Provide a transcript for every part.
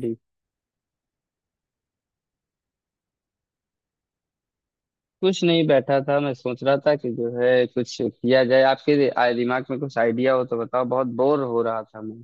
जी। कुछ नहीं, बैठा था। मैं सोच रहा था कि जो है कुछ किया जाए। आपके दिमाग में कुछ आइडिया हो तो बताओ, बहुत बोर हो रहा था मैं।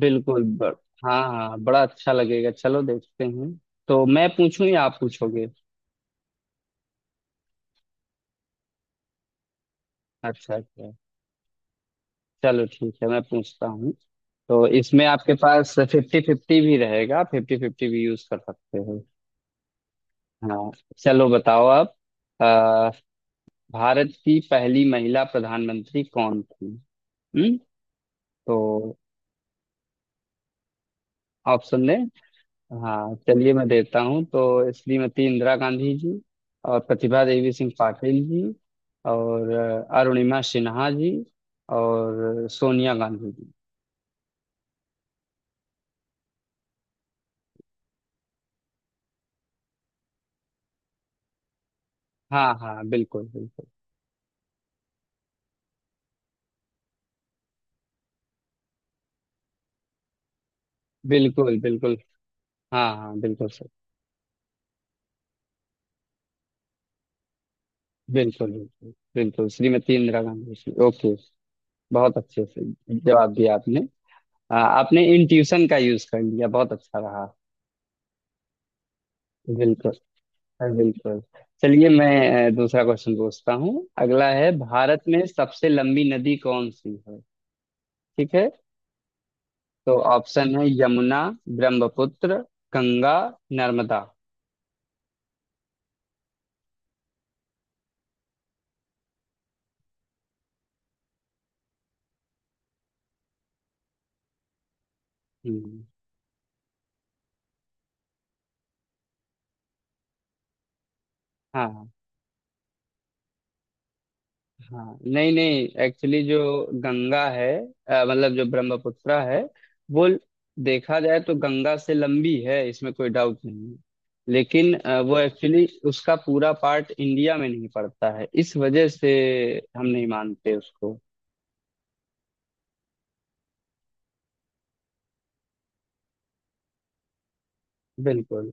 बिल्कुल हाँ हाँ, बड़ा अच्छा लगेगा, चलो देखते हैं। तो मैं पूछूं या आप पूछोगे? अच्छा अच्छा, चलो ठीक है, मैं पूछता हूँ। तो इसमें आपके पास फिफ्टी फिफ्टी भी रहेगा, फिफ्टी फिफ्टी भी यूज कर सकते हो। हाँ, चलो बताओ आप। आ, भारत की पहली महिला प्रधानमंत्री कौन थी? हम्म तो ऑप्शन दें? हाँ चलिए, मैं देता हूँ। तो श्रीमती इंदिरा गांधी जी और प्रतिभा देवी सिंह पाटिल जी और अरुणिमा सिन्हा जी और सोनिया गांधी जी। हाँ हाँ, बिल्कुल बिल्कुल। बिल्कुल बिल्कुल। हाँ हाँ, बिल्कुल सर। बिल्कुल बिल्कुल बिल्कुल, श्रीमती इंदिरा गांधी जी, ओके। बहुत अच्छे से जवाब दिया आपने। आपने इंट्यूशन का यूज कर लिया, बहुत अच्छा रहा। बिल्कुल। हाँ, बिल्कुल। चलिए मैं दूसरा क्वेश्चन पूछता हूँ। अगला है, भारत में सबसे लंबी नदी कौन सी है? ठीक है, तो ऑप्शन है यमुना, ब्रह्मपुत्र, गंगा, नर्मदा। हम्म, हाँ हाँ। नहीं नहीं, एक्चुअली जो गंगा है मतलब जो ब्रह्मपुत्र है, वो देखा जाए तो गंगा से लंबी है, इसमें कोई डाउट नहीं है। लेकिन वो एक्चुअली उसका पूरा पार्ट इंडिया में नहीं पड़ता है, इस वजह से हम नहीं मानते उसको। बिल्कुल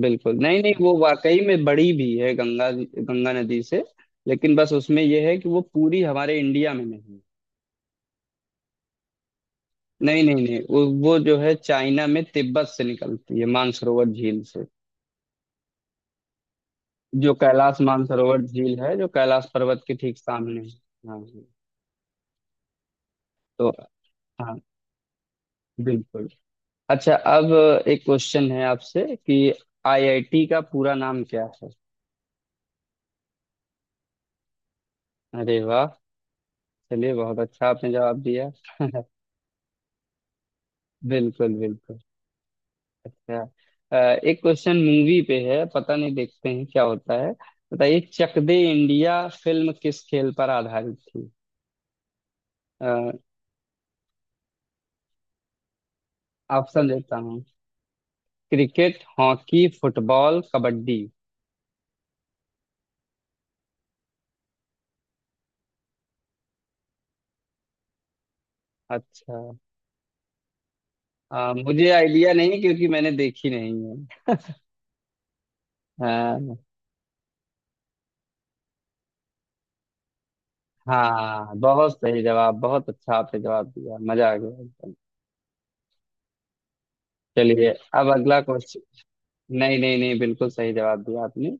बिल्कुल। नहीं नहीं, वो वाकई में बड़ी भी है गंगा गंगा नदी से। लेकिन बस उसमें यह है कि वो पूरी हमारे इंडिया में नहीं है। नहीं नहीं नहीं, वो जो है चाइना में तिब्बत से निकलती है, मानसरोवर झील से। जो कैलाश मानसरोवर झील है, जो कैलाश पर्वत के ठीक सामने है। हाँ जी। तो हाँ, बिल्कुल। अच्छा, अब एक क्वेश्चन है आपसे कि आईआईटी का पूरा नाम क्या है? अरे वाह! चलिए, बहुत अच्छा आपने जवाब दिया। बिल्कुल बिल्कुल। अच्छा। अ, एक क्वेश्चन मूवी पे है, पता नहीं देखते हैं क्या होता है। बताइए, चक दे इंडिया फिल्म किस खेल पर आधारित थी? अ, ऑप्शन देता हूँ। Cricket, hockey, football, kabaddi. अच्छा, मुझे आइडिया नहीं क्योंकि मैंने देखी नहीं है। अ, हाँ, बहुत सही जवाब, बहुत अच्छा आपने जवाब दिया, मजा आ गया एकदम। चलिए अब अगला क्वेश्चन। नहीं नहीं नहीं, बिल्कुल सही जवाब दिया आपने।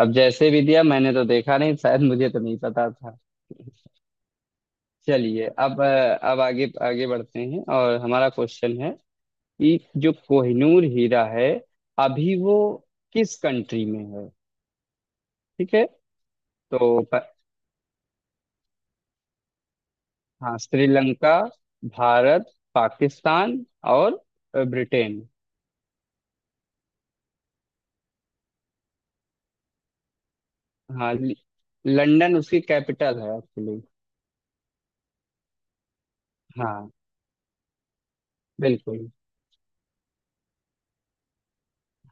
अब जैसे भी दिया, मैंने तो देखा नहीं, शायद मुझे तो नहीं पता था। चलिए अब अब आगे आगे बढ़ते हैं, और हमारा क्वेश्चन है कि जो कोहिनूर हीरा है अभी वो किस कंट्री में है? ठीक है, तो हाँ, श्रीलंका, भारत, पाकिस्तान और ब्रिटेन। हाँ, लंदन उसकी कैपिटल है एक्चुअली। हाँ, बिल्कुल।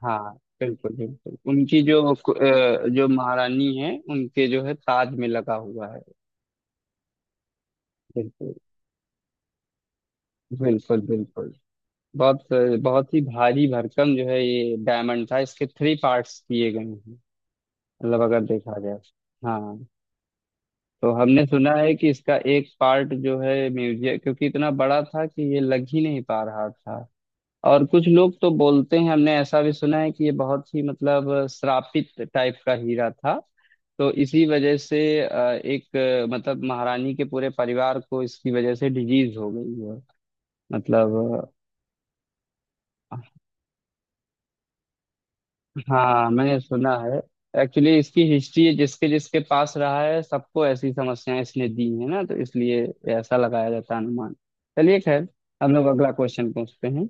हाँ, बिल्कुल बिल्कुल, उनकी जो जो महारानी है उनके जो है ताज में लगा हुआ है। बिल्कुल बिल्कुल बिल्कुल। बहुत बहुत ही भारी भरकम जो है ये डायमंड था, इसके थ्री पार्ट्स किए गए हैं, मतलब अगर देखा जाए तो। हाँ, तो हमने सुना है कि इसका एक पार्ट जो है म्यूजियम, क्योंकि इतना बड़ा था कि ये लग ही नहीं पा रहा था। और कुछ लोग तो बोलते हैं, हमने ऐसा भी सुना है कि ये बहुत ही मतलब श्रापित टाइप का हीरा था, तो इसी वजह से एक मतलब महारानी के पूरे परिवार को इसकी वजह से डिजीज हो गई है, मतलब। हाँ मैंने सुना है, एक्चुअली इसकी हिस्ट्री, जिसके जिसके पास रहा है सबको ऐसी समस्याएं इसने दी है ना, तो इसलिए ऐसा लगाया जाता है अनुमान। चलिए खैर, हम लोग अगला क्वेश्चन पूछते हैं।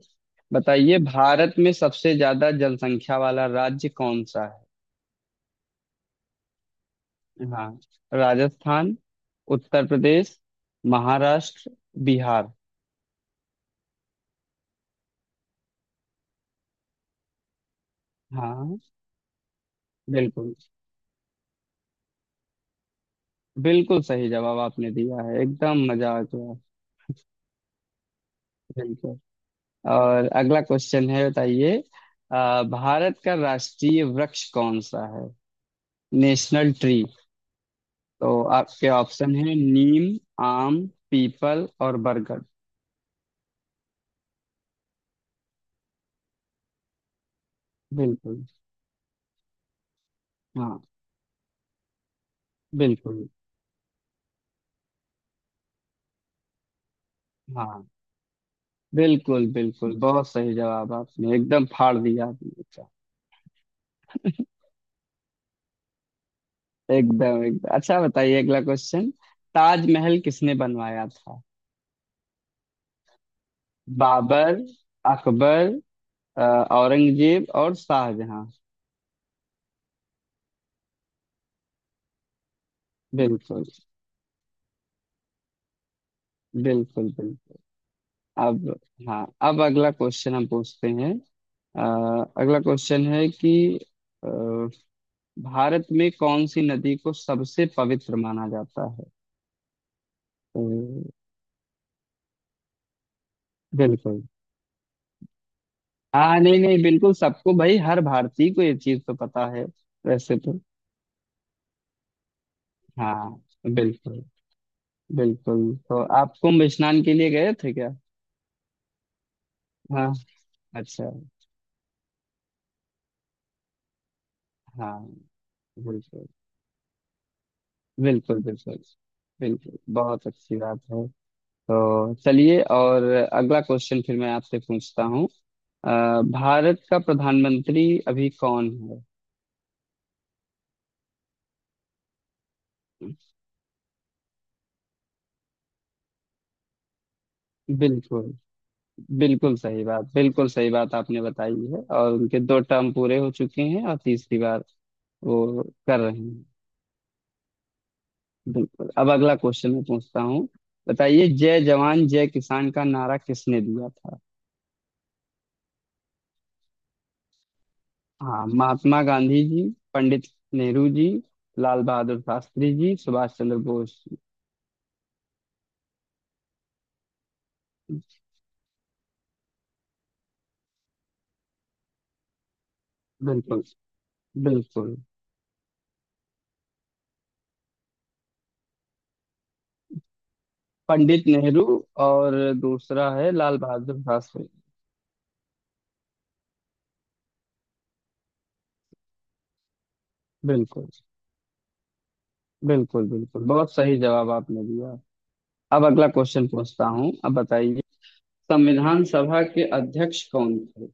बताइए, भारत में सबसे ज्यादा जनसंख्या वाला राज्य कौन सा है? हाँ, राजस्थान, उत्तर प्रदेश, महाराष्ट्र, बिहार। हाँ, बिल्कुल बिल्कुल सही जवाब आपने दिया है, एकदम मजा आ गया। बिल्कुल। और अगला क्वेश्चन है, बताइए भारत का राष्ट्रीय वृक्ष कौन सा है, नेशनल ट्री? तो आपके ऑप्शन है नीम, आम, पीपल और बरगद। बिल्कुल। हाँ। बिल्कुल। हाँ, बिल्कुल बिल्कुल, बहुत सही जवाब आपने, एकदम फाड़ दिया आपने। अच्छा, एकदम एकदम अच्छा। बताइए अगला क्वेश्चन, ताजमहल किसने बनवाया था? बाबर, अकबर, अ, औरंगजेब और शाहजहां। बिल्कुल बिल्कुल बिल्कुल। अब, हाँ, अब अगला क्वेश्चन हम पूछते हैं। अगला क्वेश्चन है कि अ, भारत में कौन सी नदी को सबसे पवित्र माना जाता है? तो बिल्कुल। हाँ, नहीं नहीं, बिल्कुल सबको, भाई हर भारतीय को ये चीज तो पता है, वैसे तो। हाँ, बिल्कुल बिल्कुल। तो आप कुंभ स्नान के लिए गए थे क्या? हाँ, अच्छा, हाँ। बिल्कुल बिल्कुल। बिल्कुल बिल्कुल, बहुत अच्छी बात है। तो चलिए, और अगला क्वेश्चन फिर मैं आपसे पूछता हूँ। अ, भारत का प्रधानमंत्री अभी कौन है? बिल्कुल। बिल्कुल सही बात, बिल्कुल सही बात आपने बताई है, और उनके दो टर्म पूरे हो चुके हैं, और तीसरी बार वो कर रहे हैं। बिल्कुल, अब अगला क्वेश्चन मैं पूछता हूँ। बताइए, जय जवान जय किसान का नारा किसने दिया था? हाँ, महात्मा गांधी जी, पंडित नेहरू जी, लाल बहादुर शास्त्री जी, सुभाष चंद्र बोस जी। बिल्कुल बिल्कुल। पंडित नेहरू, और दूसरा है लाल बहादुर शास्त्री। बिल्कुल बिल्कुल बिल्कुल, बहुत सही जवाब आपने दिया। अब अगला क्वेश्चन पूछता हूँ, अब बताइए, संविधान सभा के अध्यक्ष कौन थे?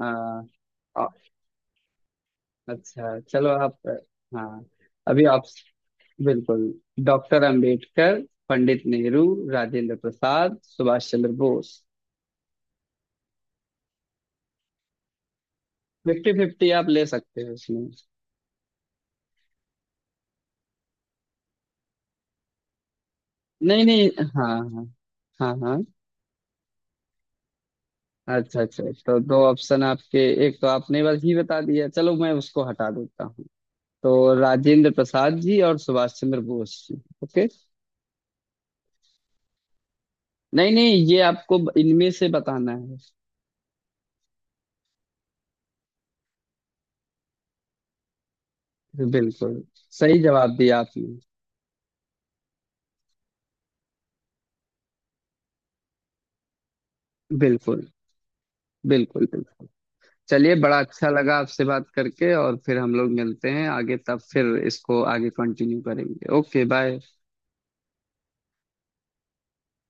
आ, आ, अच्छा चलो, आप। हाँ, अभी आप। बिल्कुल। Doctor Ambedkar, Pandit Nehru, Rajendra Prasad, Subhash Chandra Bose. Fifty fifty आप ले सकते हो इसमें। नहीं नहीं, हाँ हाँ। हाँ हाँ। अच्छा अच्छा अच्छा। तो दो ऑप्शन आपके, एक तो आपने बस ही बता दिया, चलो मैं उसको हटा देता हूँ। तो राजेंद्र प्रसाद जी और सुभाष चंद्र बोस जी। ओके। नहीं नहीं, ये आपको इनमें से बताना है। बिल्कुल सही जवाब दिया आपने। बिल्कुल बिल्कुल बिल्कुल। चलिए, बड़ा अच्छा लगा आपसे बात करके, और फिर हम लोग मिलते हैं आगे, तब फिर इसको आगे कंटिन्यू करेंगे। Okay, bye.